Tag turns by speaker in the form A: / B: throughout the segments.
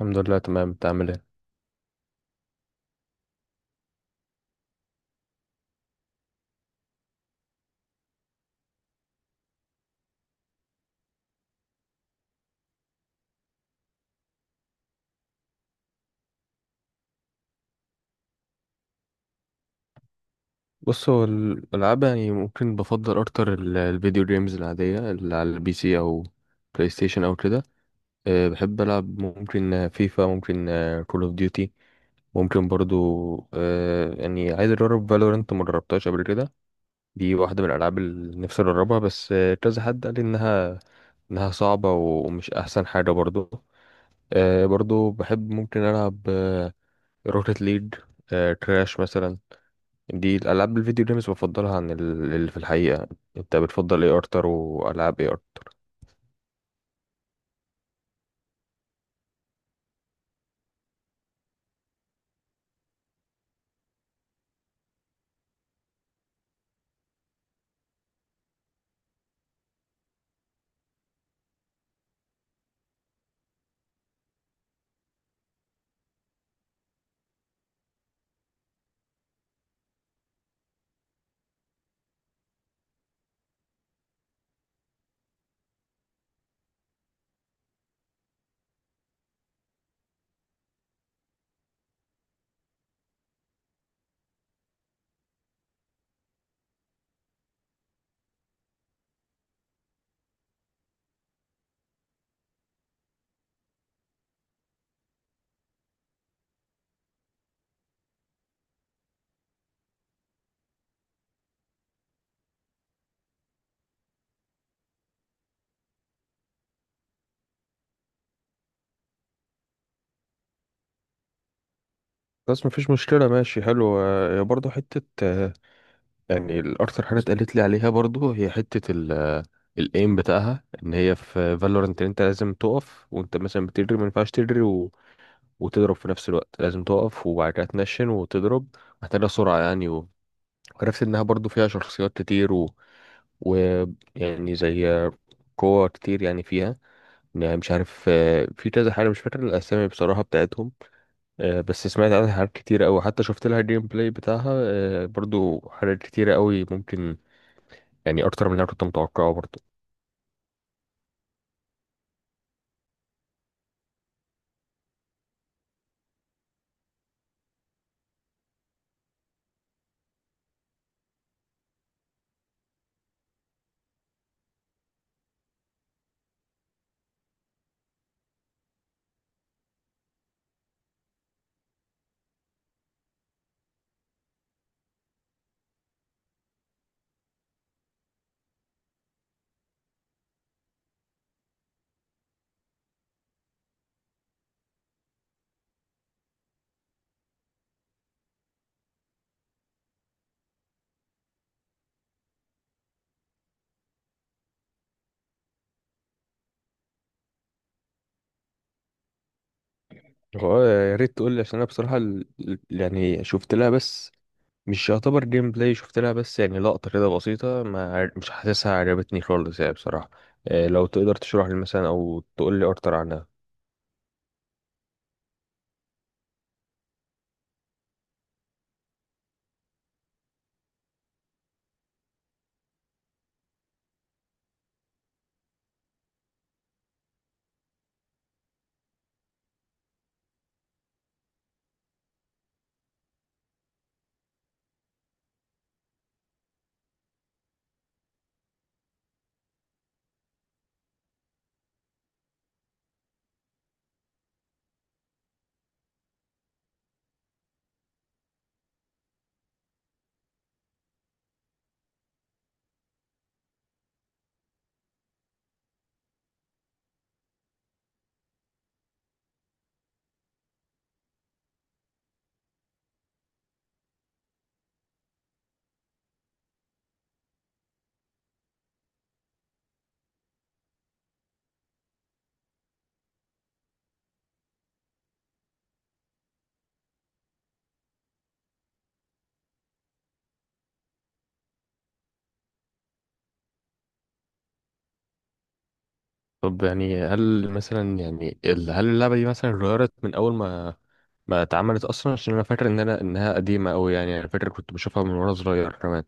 A: الحمد لله تمام. انت عامل ايه؟ بص، هو الالعاب يعني ممكن بفضل اكتر الفيديو جيمز العاديه اللي على البي سي او بلاي ستيشن او كده. أه، بحب العب ممكن فيفا، ممكن كول اوف ديوتي، ممكن برضو. أه يعني عايز اجرب فالورنت، ما جربتهاش قبل كده. دي واحده من الالعاب اللي نفسي اجربها، بس كذا حد قال لي انها صعبه ومش احسن حاجه برضو. أه برضو بحب ممكن العب روكيت ليج، كراش مثلا. دي الالعاب الفيديو جيمز بفضلها عن اللي في الحقيقه. انت بتفضل ايه اكتر، والعاب ايه اكتر؟ بس مفيش مشكله، ماشي حلو. برضه حته، يعني الاكتر حاجه اتقالت لي عليها برضه هي حته ال الايم بتاعها، ان هي في فالورنت انت لازم تقف، وانت مثلا بتجري ما ينفعش تجري وتضرب في نفس الوقت. لازم تقف وبعد كده تنشن وتضرب. محتاجه سرعه يعني. وعرفت انها برضه فيها شخصيات كتير و... و يعني زي قوة كتير يعني فيها. يعني مش عارف، في كذا حاجة مش فاكر الأسامي بصراحة بتاعتهم. بس سمعت عنها حاجات كتيرة أوي، حتى شفت لها جيم بلاي بتاعها. برضو حاجات كتيرة أوي ممكن، يعني أكتر من اللي أنا كنت متوقعه برضو. هو يا ريت تقول لي، عشان أنا بصراحة يعني شفت لها، بس مش يعتبر جيم بلاي، شفت لها بس يعني لقطة كده بسيطة. ما عر- مش حاسسها عجبتني خالص يعني بصراحة. لو تقدر تشرح لي مثلا أو تقول لي أكتر عنها. طب يعني هل مثلا يعني هل اللعبة دي مثلا اتغيرت من أول ما اتعملت اصلا؟ عشان انا فاكر ان انها قديمه قوي يعني، انا فاكر كنت بشوفها من وانا صغير كمان.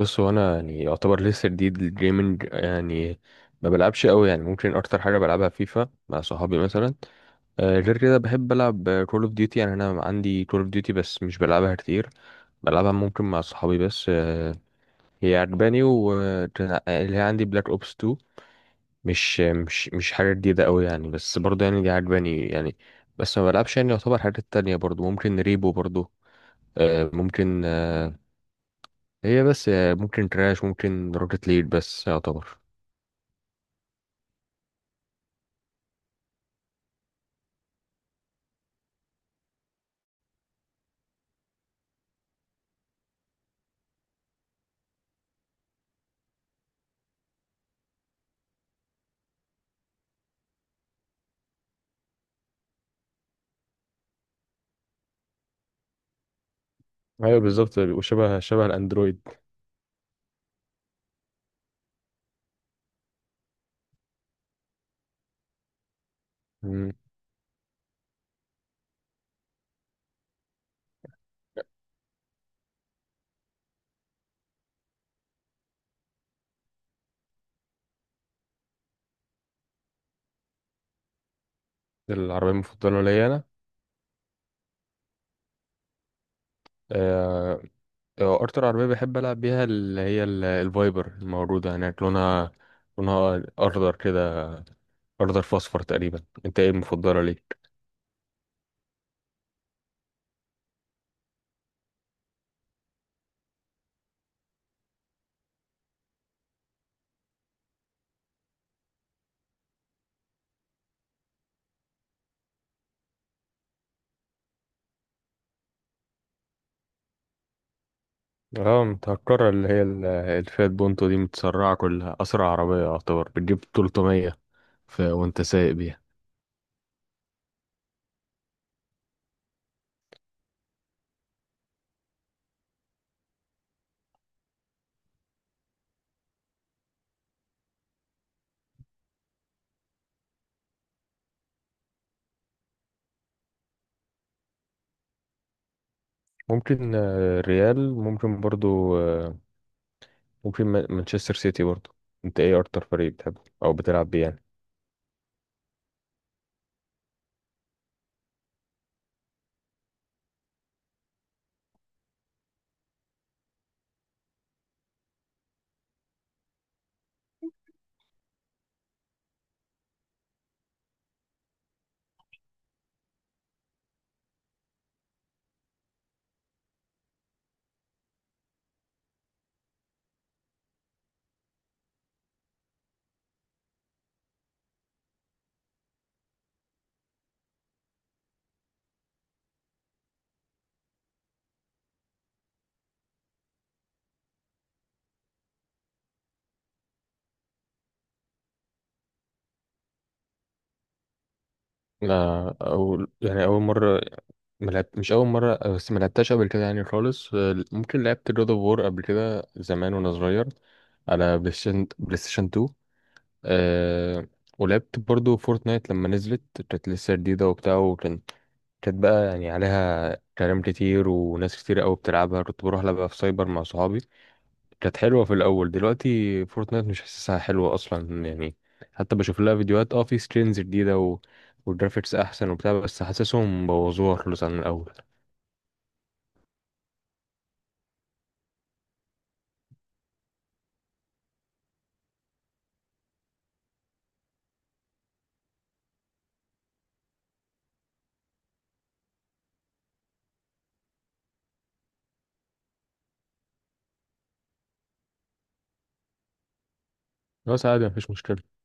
A: بص، هو انا يعني يعتبر لسه جديد للجيمنج يعني، ما بلعبش قوي يعني. ممكن اكتر حاجه بلعبها فيفا مع صحابي مثلا. غير كده بحب العب كول اوف ديوتي، يعني انا عندي كول اوف ديوتي بس مش بلعبها كتير، بلعبها ممكن مع صحابي بس. هي عجباني. واللي هي عندي بلاك اوبس 2، مش حاجه جديده قوي يعني، بس برضه يعني دي عجباني يعني. بس ما بلعبش يعني. يعتبر حاجات تانية برضو ممكن ريبو برضو، ممكن، هي بس، ممكن كراش، ممكن روكت ليد بس يعتبر. ايوه بالظبط، شبه الاندرويد. مم. العربيه المفضله ليا انا، آه، اكتر عربيه بحب العب بيها اللي هي الفايبر الموجوده هناك، لونها لونها اخضر كده، اخضر فاصفر تقريبا. انت ايه المفضله ليك؟ اه متهكره، اللي هي الفيات بونتو دي متسرعه، كلها اسرع عربيه يعتبر، بتجيب 300. وانت سايق بيها. ممكن ريال، ممكن برضو، ممكن مانشستر سيتي برضو. انت ايه اكتر فريق بتحبه او بتلعب بيه يعني؟ لا، او يعني اول مره، ملعب مش اول مره، بس ما لعبتهاش قبل كده يعني خالص. ممكن لعبت جود اوف وور قبل كده زمان وانا صغير على بلاي ستيشن، بلاي ستيشن 2. أه، ولعبت برضو فورتنايت لما نزلت، كانت لسه جديده وبتاع، كانت بقى يعني عليها كلام كتير وناس كتير قوي بتلعبها، كنت بروح لعبها في سايبر مع صحابي. كانت حلوة في الأول، دلوقتي فورتنايت مش حاسسها حلوة أصلا يعني. حتى بشوف لها فيديوهات، اه، في سكرينز جديدة والجرافيكس أحسن وبتاع، بس حاسسهم بوظوها خالص عن الأول. بس عادي مفيش مشكلة.